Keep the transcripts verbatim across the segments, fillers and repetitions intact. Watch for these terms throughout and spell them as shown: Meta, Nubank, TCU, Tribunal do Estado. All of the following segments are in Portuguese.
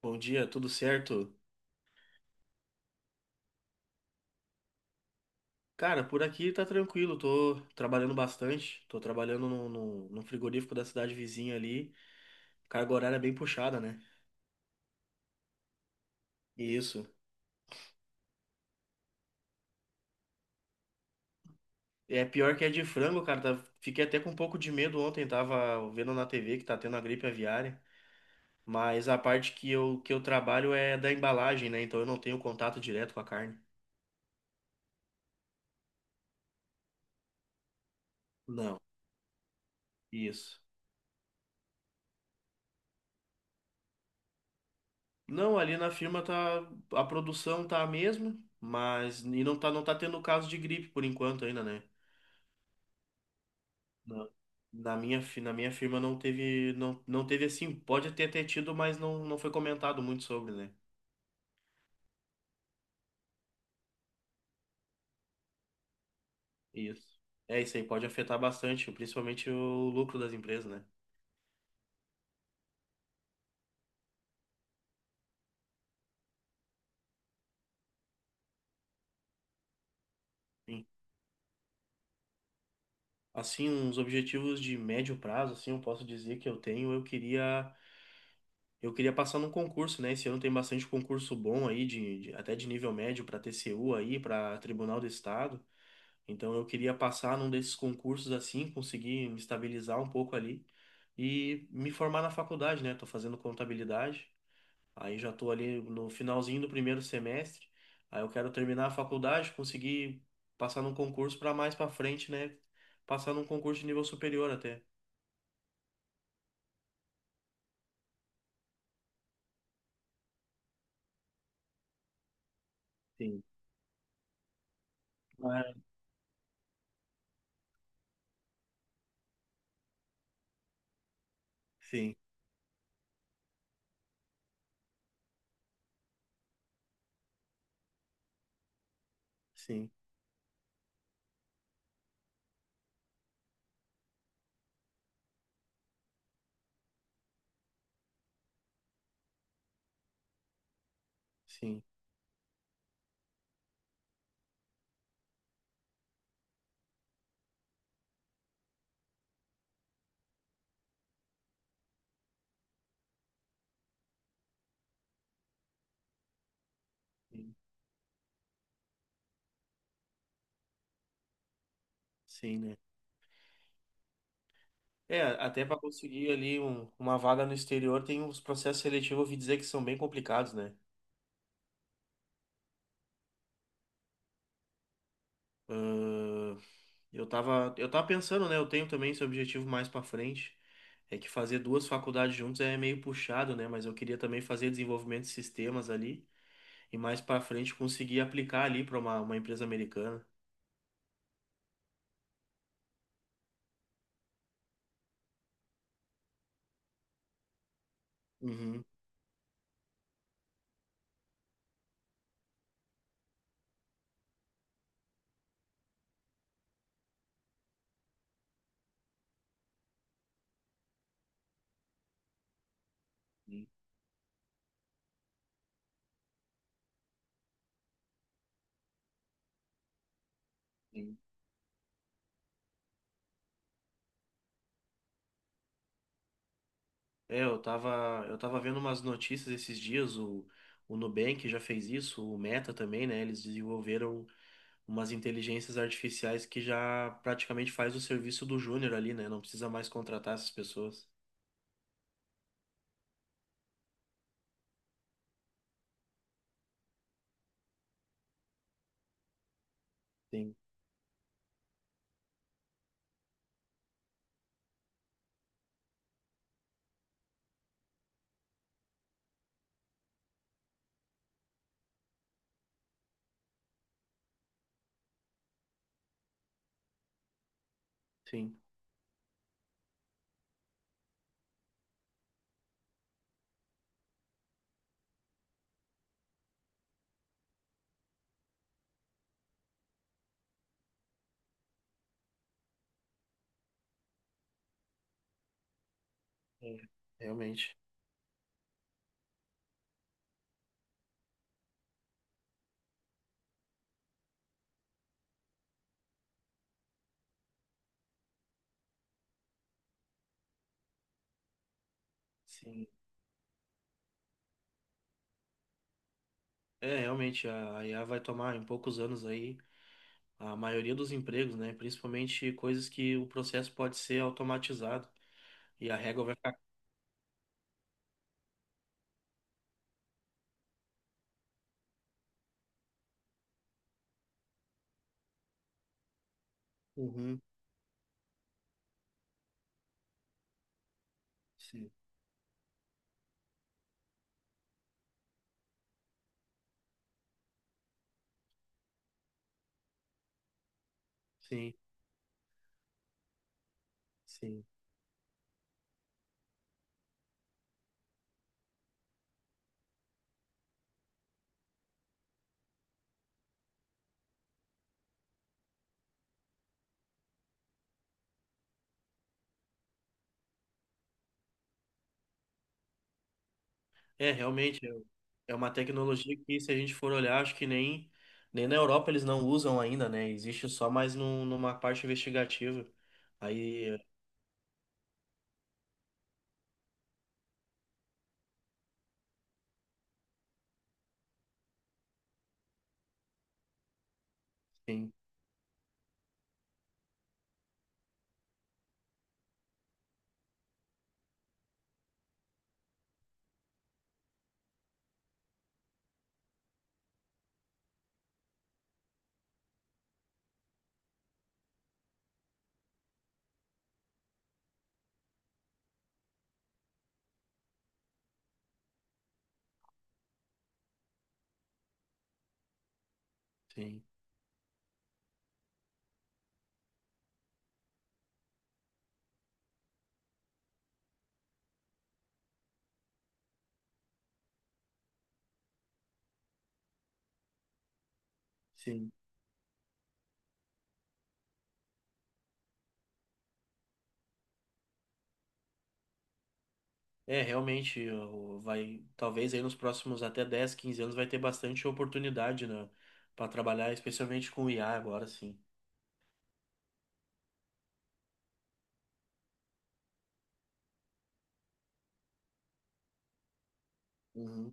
Bom dia, tudo certo? Cara, por aqui tá tranquilo, tô trabalhando bastante, tô trabalhando no, no, no frigorífico da cidade vizinha ali, carga horária é bem puxada, né? Isso. É pior que é de frango, cara, tá- fiquei até com um pouco de medo ontem, tava vendo na T V que tá tendo a gripe aviária, mas a parte que eu, que eu trabalho é da embalagem, né? Então eu não tenho contato direto com a carne. Não, isso. Não, ali na firma tá, a produção tá a mesma, mas e não tá, não tá tendo caso de gripe por enquanto ainda, né? Na na minha, fi- na minha firma não teve, não, não teve assim, pode ter, ter tido, mas não, não foi comentado muito sobre, né? Isso. É isso aí, pode afetar bastante, principalmente o lucro das empresas, né? Sim. Assim, uns objetivos de médio prazo, assim, eu posso dizer que eu tenho, eu queria, eu queria passar num concurso, né? Esse ano tem bastante concurso bom aí, de, de- até de nível médio para T C U aí, para Tribunal do Estado. Então eu queria passar num desses concursos assim, conseguir me estabilizar um pouco ali e me formar na faculdade, né? Tô fazendo contabilidade, aí já tô ali no finalzinho do primeiro semestre. Aí eu quero terminar a faculdade, conseguir passar num concurso para mais para frente, né? Passar num concurso de nível superior até. Sim. Mas- Sim, sim, sim, sim, sim, né? É, até para conseguir ali um- uma vaga no exterior, tem uns processos seletivos, eu ouvi dizer que são bem complicados, né? Eu tava, eu tava pensando, né? Eu tenho também esse objetivo mais pra frente. É que fazer duas faculdades juntos é meio puxado, né? Mas eu queria também fazer desenvolvimento de sistemas ali e mais pra frente conseguir aplicar ali pra uma, uma empresa americana. Uhum. Sim, sim. É, eu tava, eu tava vendo umas notícias esses dias, o, o Nubank já fez isso, o Meta também, né? Eles desenvolveram umas inteligências artificiais que já praticamente faz o serviço do júnior ali, né? Não precisa mais contratar essas pessoas. Sim, sim. É, realmente. Sim. É, realmente, a a I A vai tomar em poucos anos aí a maioria dos empregos, né? Principalmente coisas que o processo pode ser automatizado e a régua vai ficar. Uhum. Sim, sim, sim. É, realmente, é é uma tecnologia que, se a gente for olhar, acho que nem, nem na Europa eles não usam ainda, né? Existe só mais num, numa parte investigativa. Aí, sim, sim, sim. É, realmente, o- vai, talvez aí nos próximos até dez, quinze anos vai ter bastante oportunidade, né, para trabalhar, especialmente com I A agora, sim. Uhum.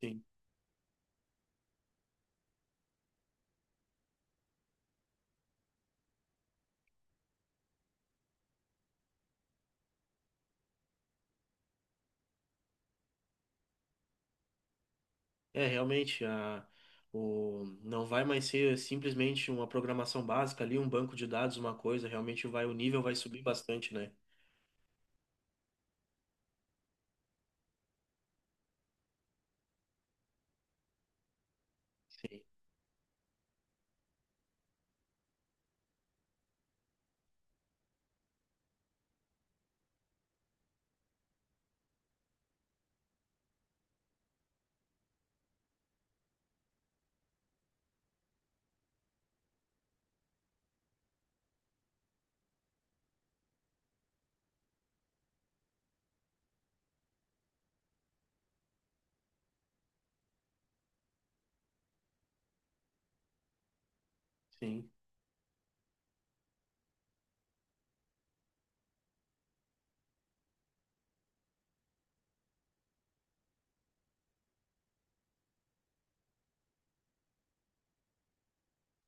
Sim. É, realmente, a, o, não vai mais ser simplesmente uma programação básica ali, um banco de dados, uma coisa, realmente vai, o nível vai subir bastante, né? Sim. Sim.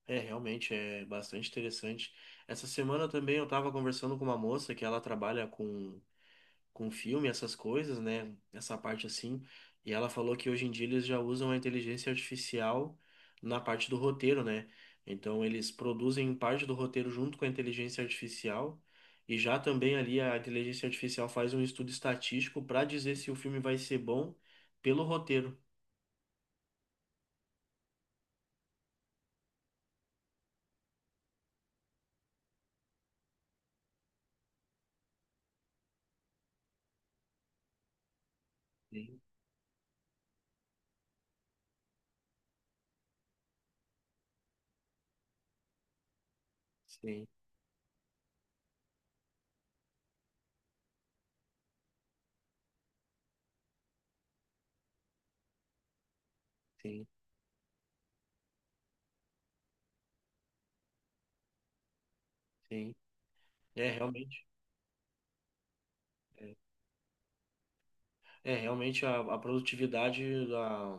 É, realmente, é bastante interessante. Essa semana também eu estava conversando com uma moça que ela trabalha com com filme, essas coisas, né? Essa parte assim. E ela falou que hoje em dia eles já usam a inteligência artificial na parte do roteiro, né? Então eles produzem parte do roteiro junto com a inteligência artificial. E já também ali a inteligência artificial faz um estudo estatístico para dizer se o filme vai ser bom pelo roteiro. Sim, sim, sim, sim. É, realmente. É, é, realmente a, a produtividade da-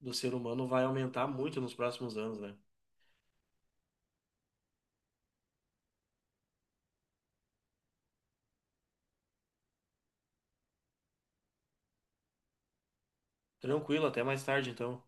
do ser humano vai aumentar muito nos próximos anos, né? Tranquilo, até mais tarde, então.